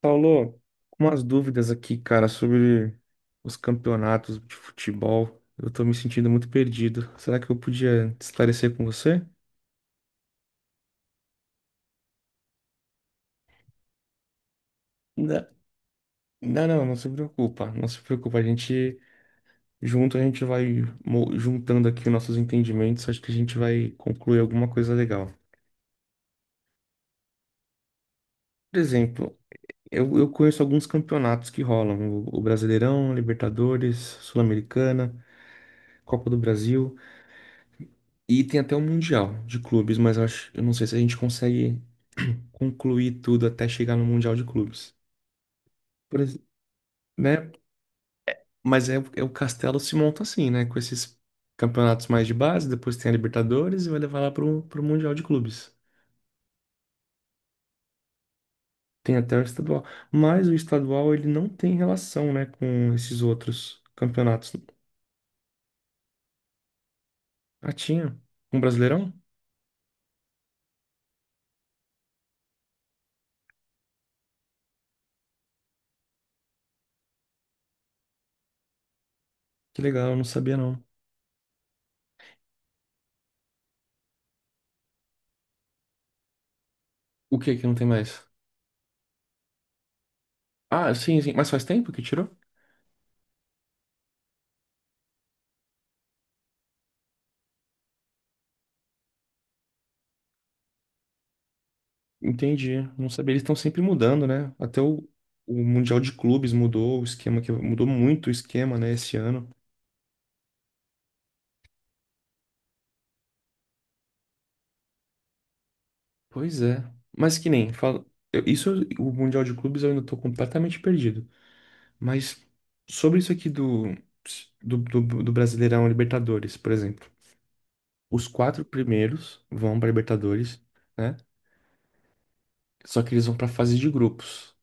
Paulo, umas dúvidas aqui, cara, sobre os campeonatos de futebol. Eu tô me sentindo muito perdido. Será que eu podia esclarecer com você? Não, não, não, não se preocupa, não se preocupa. A gente junto, a gente vai juntando aqui os nossos entendimentos. Acho que a gente vai concluir alguma coisa legal. Por exemplo, eu conheço alguns campeonatos que rolam: o Brasileirão, Libertadores, Sul-Americana, Copa do Brasil. E tem até um mundial de clubes, mas eu acho, eu não sei se a gente consegue concluir tudo até chegar no mundial de clubes. Por ex- né? Mas é o Castelo se monta assim, né? Com esses campeonatos mais de base, depois tem a Libertadores e vai levar lá pro, mundial de clubes. Tem até o estadual, mas o estadual ele não tem relação, né, com esses outros campeonatos. Ah, tinha um Brasileirão? Que legal, eu não sabia não. O que que não tem mais? Ah, sim, sim, mas faz tempo que tirou? Entendi. Não sabia. Eles estão sempre mudando, né? Até o Mundial de Clubes mudou o esquema, que mudou muito o esquema, né, esse ano. Pois é. Mas que nem, fala, isso, o Mundial de Clubes eu ainda tô completamente perdido. Mas sobre isso aqui do, Brasileirão Libertadores, por exemplo. Os quatro primeiros vão pra Libertadores, né? Só que eles vão pra fase de grupos.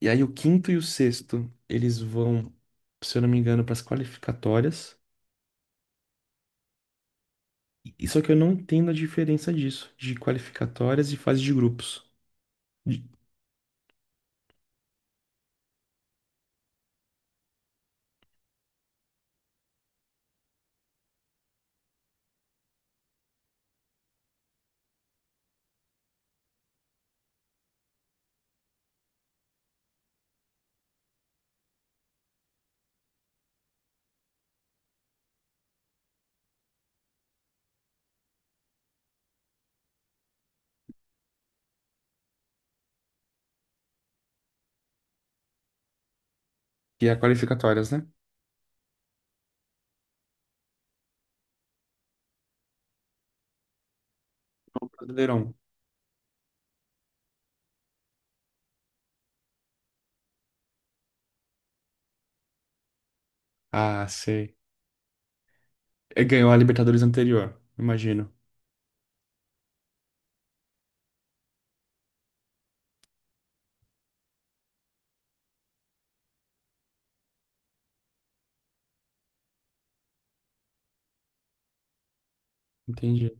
E aí o quinto e o sexto, eles vão, se eu não me engano, pras qualificatórias. E só que eu não entendo a diferença disso, de qualificatórias e fase de grupos. De- Que é a qualificatórias, né? O Brasileirão. Ah, sei. É, ganhou a Libertadores anterior, imagino. Entendi.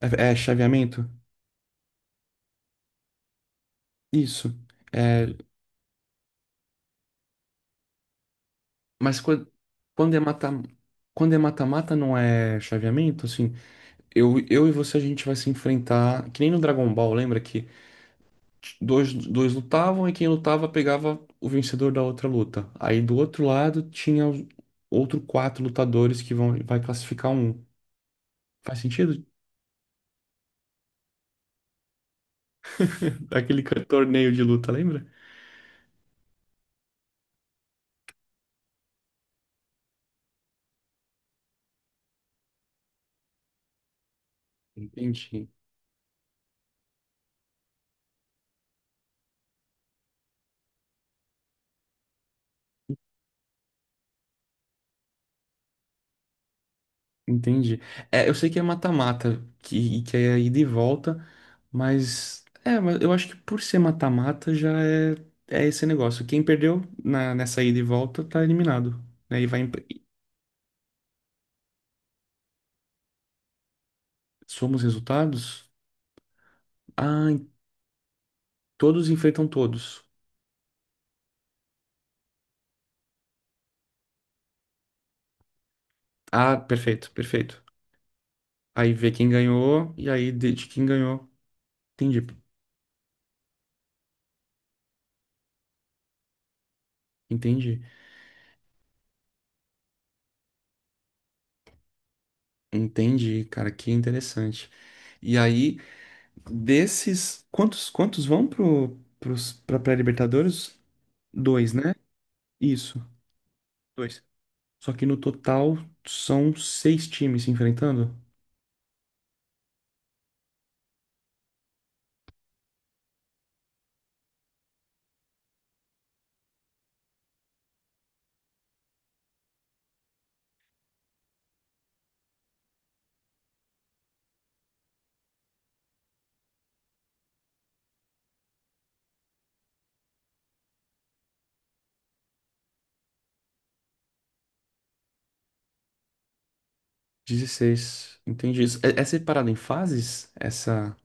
é chaveamento? Isso. É, mas quando é mata, quando é mata-mata não é chaveamento, assim. Eu e você a gente vai se enfrentar, que nem no Dragon Ball, lembra que dois, dois lutavam e quem lutava pegava o vencedor da outra luta. Aí do outro lado tinha outro quatro lutadores que vão vai classificar um. Faz sentido? Aquele torneio de luta, lembra? Entendi. Entendi. É, eu sei que é mata-mata, que é ida e volta, mas eu acho que por ser mata-mata já é esse negócio. Quem perdeu na, nessa ida e volta tá eliminado. Né? E vai. Somos resultados? Ah, todos enfrentam todos. Ah, perfeito, perfeito. Aí vê quem ganhou e aí de quem ganhou. Entendi, entendi, entendi, cara, que interessante. E aí, desses, quantos vão pro, pra pré-Libertadores? Dois, né? Isso, dois. Só que no total são seis times se enfrentando? 16. Entendi isso. É, é separado em fases essa,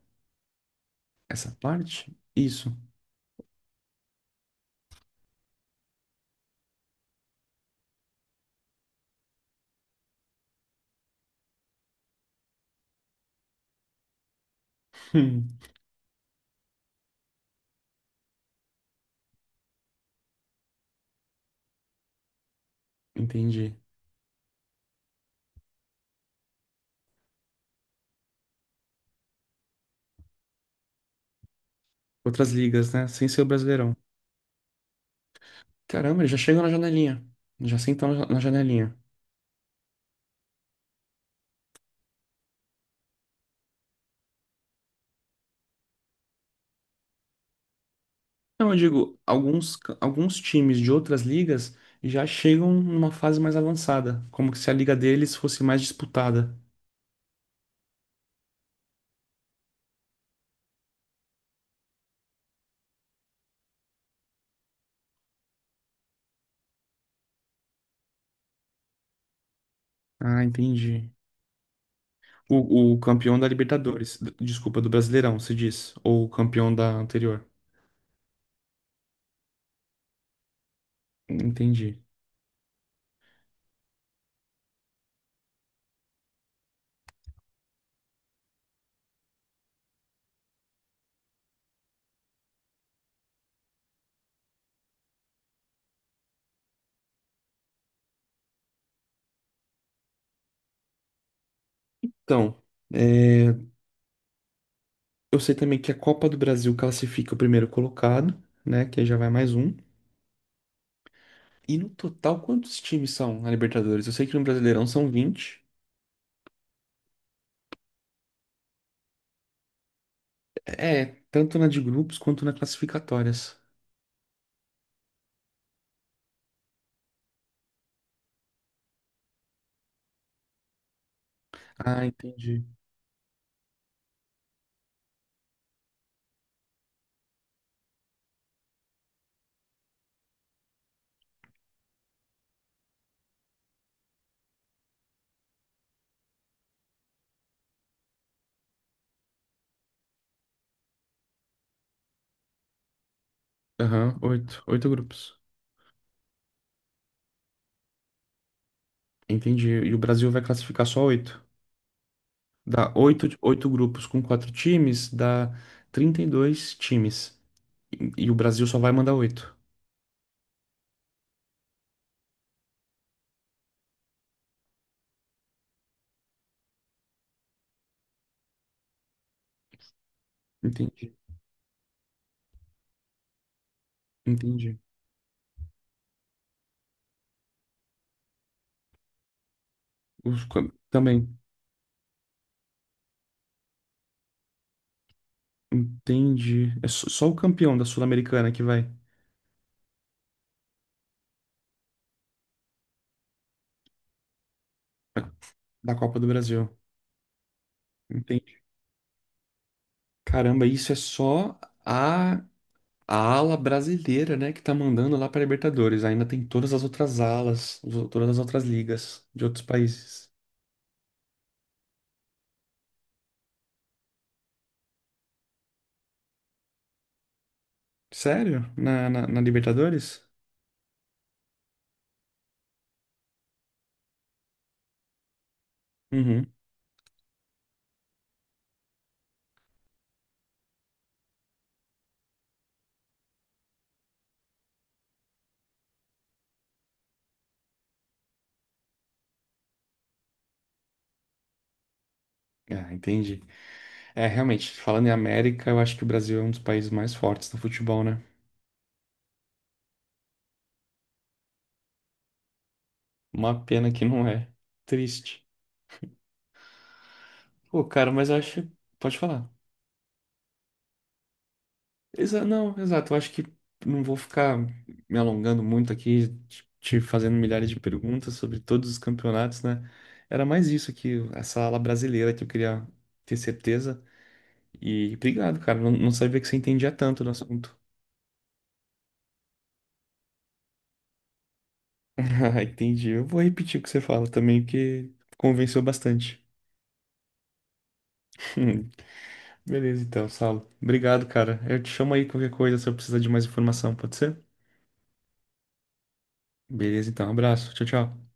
essa parte? Isso, hum, entendi. Outras ligas, né? Sem ser o Brasileirão. Caramba, eles já chegam na janelinha. Já sentam na janelinha. Não, eu digo, alguns times de outras ligas já chegam numa fase mais avançada, como que se a liga deles fosse mais disputada. Ah, entendi. O campeão da Libertadores, desculpa, do Brasileirão, se diz, ou o campeão da anterior. Entendi. Então, é, eu sei também que a Copa do Brasil classifica o primeiro colocado, né? Que aí já vai mais um. E no total, quantos times são na Libertadores? Eu sei que no Brasileirão são 20. É, tanto na de grupos quanto na classificatórias. Ah, entendi. Aham, oito. Oito grupos. Entendi. E o Brasil vai classificar só oito. Dá oito, oito grupos com quatro times, dá 32 times. E, e o Brasil só vai mandar oito. Entendi. Entendi. Também. Entendi. É só, só o campeão da Sul-Americana que vai. Da Copa do Brasil. Entendi. Caramba, isso é só a a ala brasileira, né, que tá mandando lá pra Libertadores. Ainda tem todas as outras alas, todas as outras ligas de outros países. Sério? Na, na Libertadores? Uhum. Ah, entendi. É, realmente, falando em América, eu acho que o Brasil é um dos países mais fortes no futebol, né? Uma pena que não é. Triste. Pô, cara, mas eu acho. Pode falar. Não, exato. Eu acho que não vou ficar me alongando muito aqui, te fazendo milhares de perguntas sobre todos os campeonatos, né? Era mais isso que essa ala brasileira que eu queria ter certeza. E obrigado, cara. Não, não sabia que você entendia tanto do assunto. Ah, entendi. Eu vou repetir o que você fala também, porque convenceu bastante. Beleza, então, Saulo. Obrigado, cara. Eu te chamo aí qualquer coisa se eu precisar de mais informação, pode ser? Beleza, então. Abraço. Tchau, tchau.